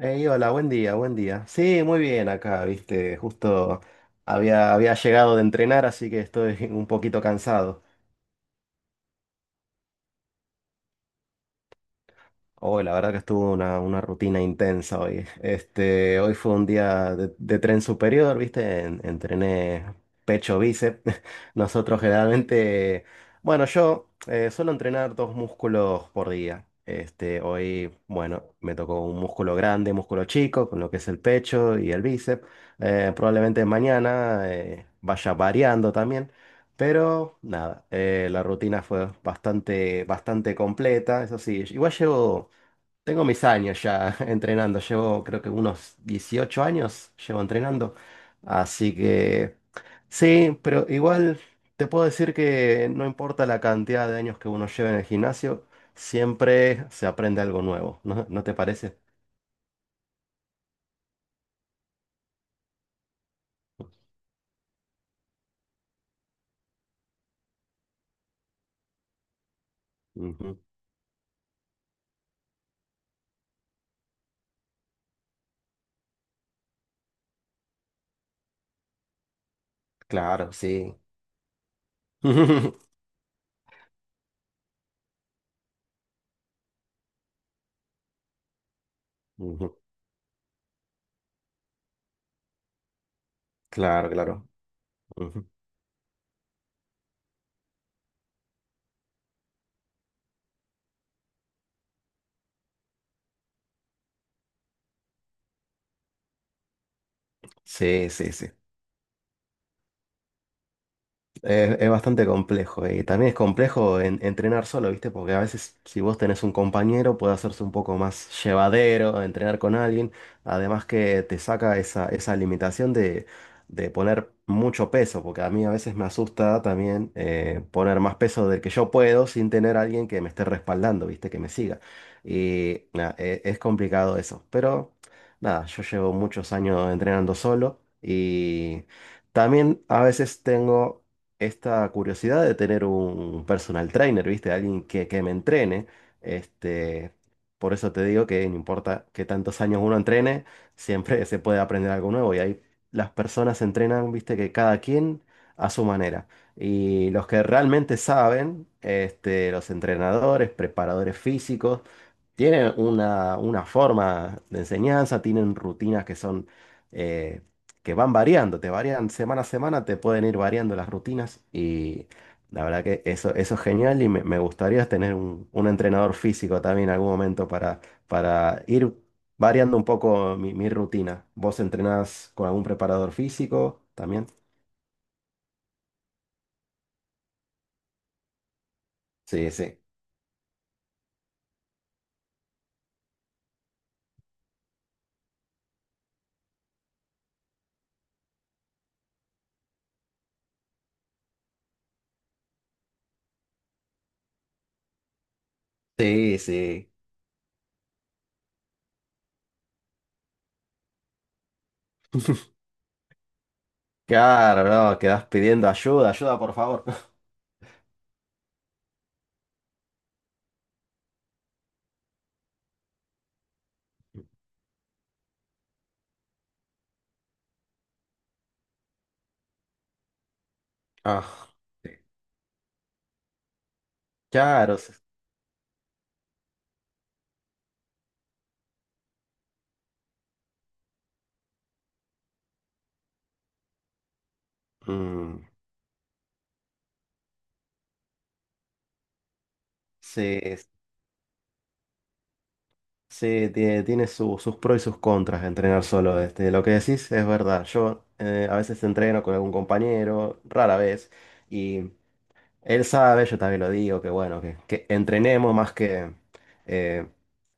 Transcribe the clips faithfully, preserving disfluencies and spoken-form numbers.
Ey, hola, buen día, buen día. Sí, muy bien acá, viste, justo había, había llegado de entrenar, así que estoy un poquito cansado. Hoy, la verdad que estuvo una, una rutina intensa hoy. Este, hoy fue un día de, de tren superior, ¿viste? En- entrené pecho, bíceps. Nosotros generalmente, bueno, yo eh, suelo entrenar dos músculos por día. Este, hoy, bueno, me tocó un músculo grande, músculo chico, con lo que es el pecho y el bíceps. Eh, probablemente mañana eh, vaya variando también. Pero nada, eh, la rutina fue bastante, bastante completa, eso sí. Igual llevo tengo mis años ya entrenando, llevo creo que unos dieciocho años llevo entrenando, así que sí, pero igual te puedo decir que no importa la cantidad de años que uno lleve en el gimnasio, siempre se aprende algo nuevo, ¿no, no te parece? Ujú. Claro, sí. Ujú. Claro, claro. Ujú. Sí, sí, sí. Es, es bastante complejo y también es complejo en- entrenar solo, ¿viste? Porque a veces si vos tenés un compañero puede hacerse un poco más llevadero entrenar con alguien, además que te saca esa, esa limitación de, de poner mucho peso, porque a mí a veces me asusta también eh, poner más peso del que yo puedo sin tener a alguien que me esté respaldando, ¿viste? Que me siga. Y nada, e- es complicado eso, pero nada, yo llevo muchos años entrenando solo y... también a veces tengo esta curiosidad de tener un personal trainer, ¿viste? Alguien que, que me entrene. Este, por eso te digo que no importa qué tantos años uno entrene, siempre se puede aprender algo nuevo. Y ahí las personas se entrenan, ¿viste? Que cada quien a su manera. Y los que realmente saben, este, los entrenadores, preparadores físicos, tienen una, una forma de enseñanza, tienen rutinas que son, eh, que van variando, te varían semana a semana, te pueden ir variando las rutinas y la verdad que eso, eso es genial y me, me gustaría tener un, un entrenador físico también en algún momento para, para ir variando un poco mi, mi rutina. ¿Vos entrenás con algún preparador físico también? Sí, sí. Sí, sí. Claro, no, quedás pidiendo ayuda, ayuda por favor. Ah, sí. Claro. Mm. Sí, sí, tiene, tiene su- sus pros y sus contras entrenar solo. Este, lo que decís es verdad. Yo eh, a veces entreno con algún compañero, rara vez. Él sabe, yo también lo digo, que bueno, que, que entrenemos más que eh,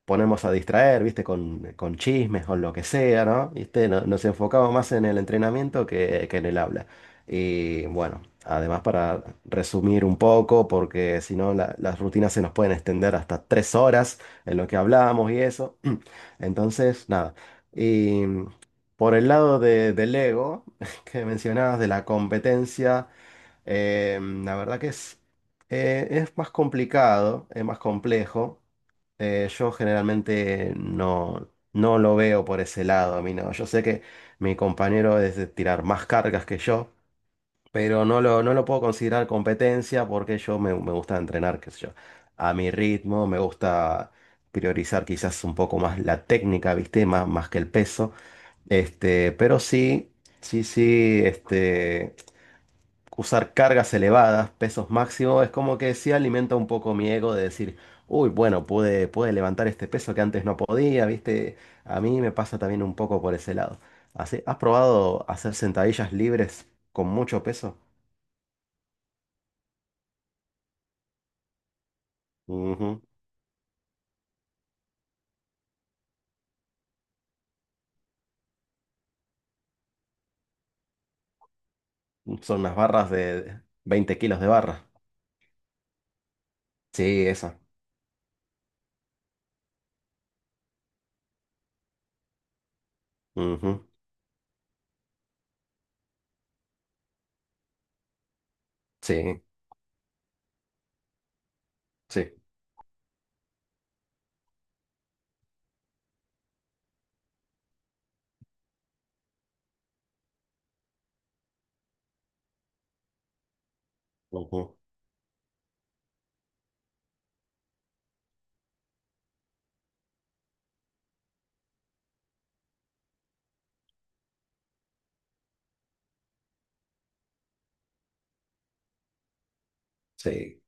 ponemos a distraer, ¿viste? Con, con chismes, con lo que sea, ¿no? ¿Viste? No- Nos enfocamos más en el entrenamiento que, que en el habla. Y bueno, además para resumir un poco, porque si no la- las rutinas se nos pueden extender hasta tres horas en lo que hablamos y eso. Entonces, nada. Y por el lado de, del ego que mencionabas, de la competencia. Eh, la verdad que es, eh, es más complicado, es más complejo. Eh, yo generalmente no, no lo veo por ese lado, a mí no. Yo sé que mi compañero es de tirar más cargas que yo, pero no lo, no lo puedo considerar competencia porque yo me, me gusta entrenar, qué sé yo, a mi ritmo, me gusta priorizar quizás un poco más la técnica, ¿viste? Más, más que el peso. Este, pero sí, sí, sí, este usar cargas elevadas, pesos máximos, es como que sí alimenta un poco mi ego de decir, uy, bueno, pude, pude levantar este peso que antes no podía, ¿viste? A mí me pasa también un poco por ese lado. Así, ¿has probado hacer sentadillas libres con mucho peso? Ujú. Son unas barras de veinte kilos de barra. Sí, esa. Ujú. Sí, sí. Ujú. Sí.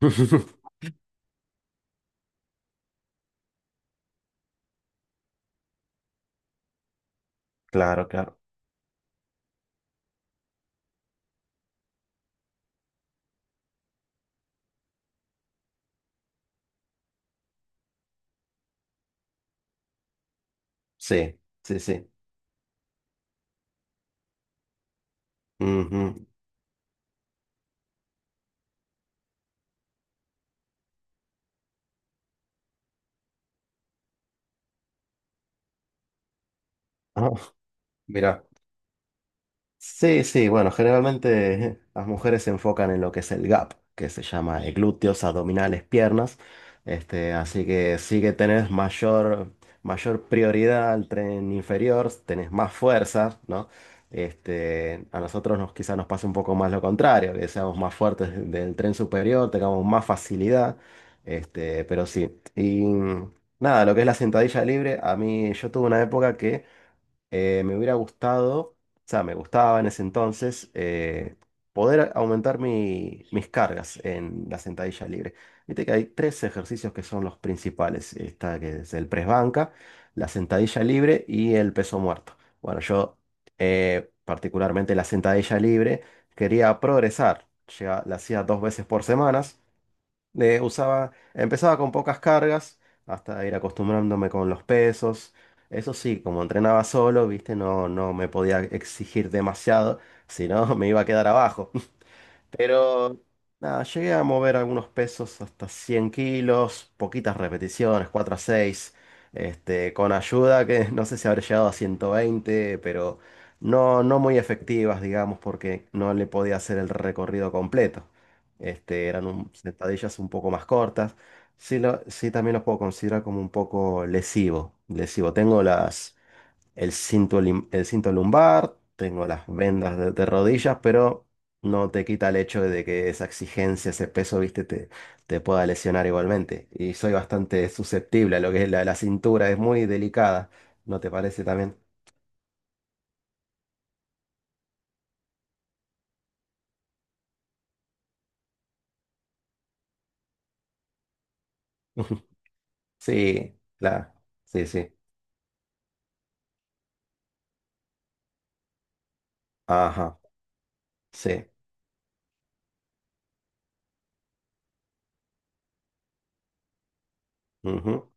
Claro, claro. Sí, sí, sí. Ujú. Ah, mira. Sí, sí, bueno, generalmente eh, las mujeres se enfocan en lo que es el gap, que se llama eh, glúteos, abdominales, piernas. Este, así que sí que tenés mayor, mayor prioridad al tren inferior, tenés más fuerza, ¿no? Este, a nosotros nos, quizás nos pasa un poco más lo contrario, que seamos más fuertes del tren superior, tengamos más facilidad. Este, pero sí. Y nada, lo que es la sentadilla libre, a mí yo tuve una época que eh, me hubiera gustado, o sea, me gustaba en ese entonces eh, poder aumentar mi- mis cargas en la sentadilla libre. Viste que hay tres ejercicios que son los principales. Está que es el press banca, la sentadilla libre y el peso muerto. Bueno, yo eh, particularmente la sentadilla libre quería progresar. Llega- la hacía dos veces por semana. Eh, usaba, empezaba con pocas cargas hasta ir acostumbrándome con los pesos. Eso sí, como entrenaba solo, viste, no, no me podía exigir demasiado, si no me iba a quedar abajo. Pero nada, llegué a mover algunos pesos hasta cien kilos, poquitas repeticiones, cuatro a seis, este, con ayuda que no sé si habré llegado a ciento veinte, pero no, no muy efectivas, digamos, porque no le podía hacer el recorrido completo. Este, eran un- sentadillas un poco más cortas. Sí, lo- sí, también los puedo considerar como un poco lesivo. Lesivo. Tengo las el cinto, lim- el cinto lumbar, tengo las vendas de, de rodillas, pero no te quita el hecho de que esa exigencia, ese peso, viste, te, te pueda lesionar igualmente. Y soy bastante susceptible a lo que es la, la cintura, es muy delicada, ¿no te parece también? Sí, la, sí, sí, ajá, sí, ujú.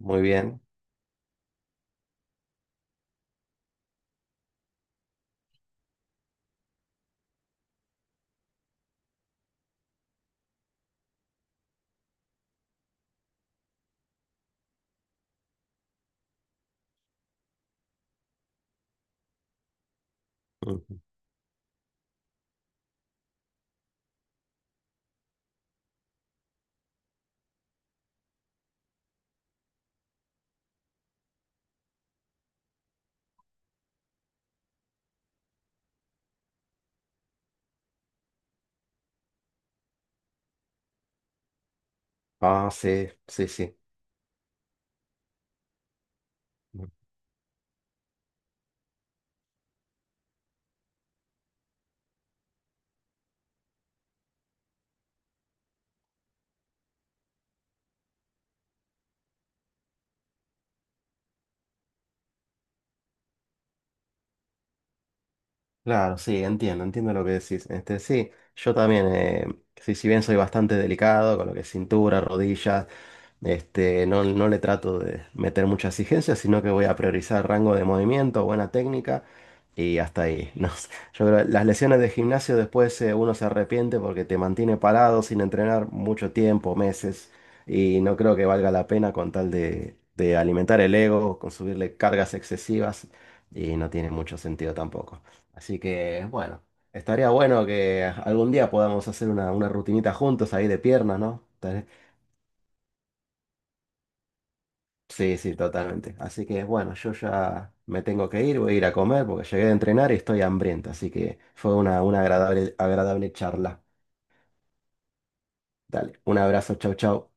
Muy bien. ujú. Ah, sí, sí, sí. Claro, sí, entiendo, entiendo lo que decís. Este, sí, yo también, eh, sí, si bien soy bastante delicado con lo que es cintura, rodillas, este, no, no le trato de meter mucha exigencia, sino que voy a priorizar rango de movimiento, buena técnica y hasta ahí. No sé. Yo creo que las lesiones de gimnasio después eh, uno se arrepiente porque te mantiene parado sin entrenar mucho tiempo, meses, y no creo que valga la pena con tal de, de alimentar el ego, con subirle cargas excesivas, y no tiene mucho sentido tampoco. Así que, bueno, estaría bueno que algún día podamos hacer una, una rutinita juntos ahí de piernas, ¿no? Tal- Sí, sí, totalmente. Así que, bueno, yo ya me tengo que ir, voy a ir a comer porque llegué de entrenar y estoy hambriento. Así que fue una, una agradable, agradable charla. Dale, un abrazo, chau, chau.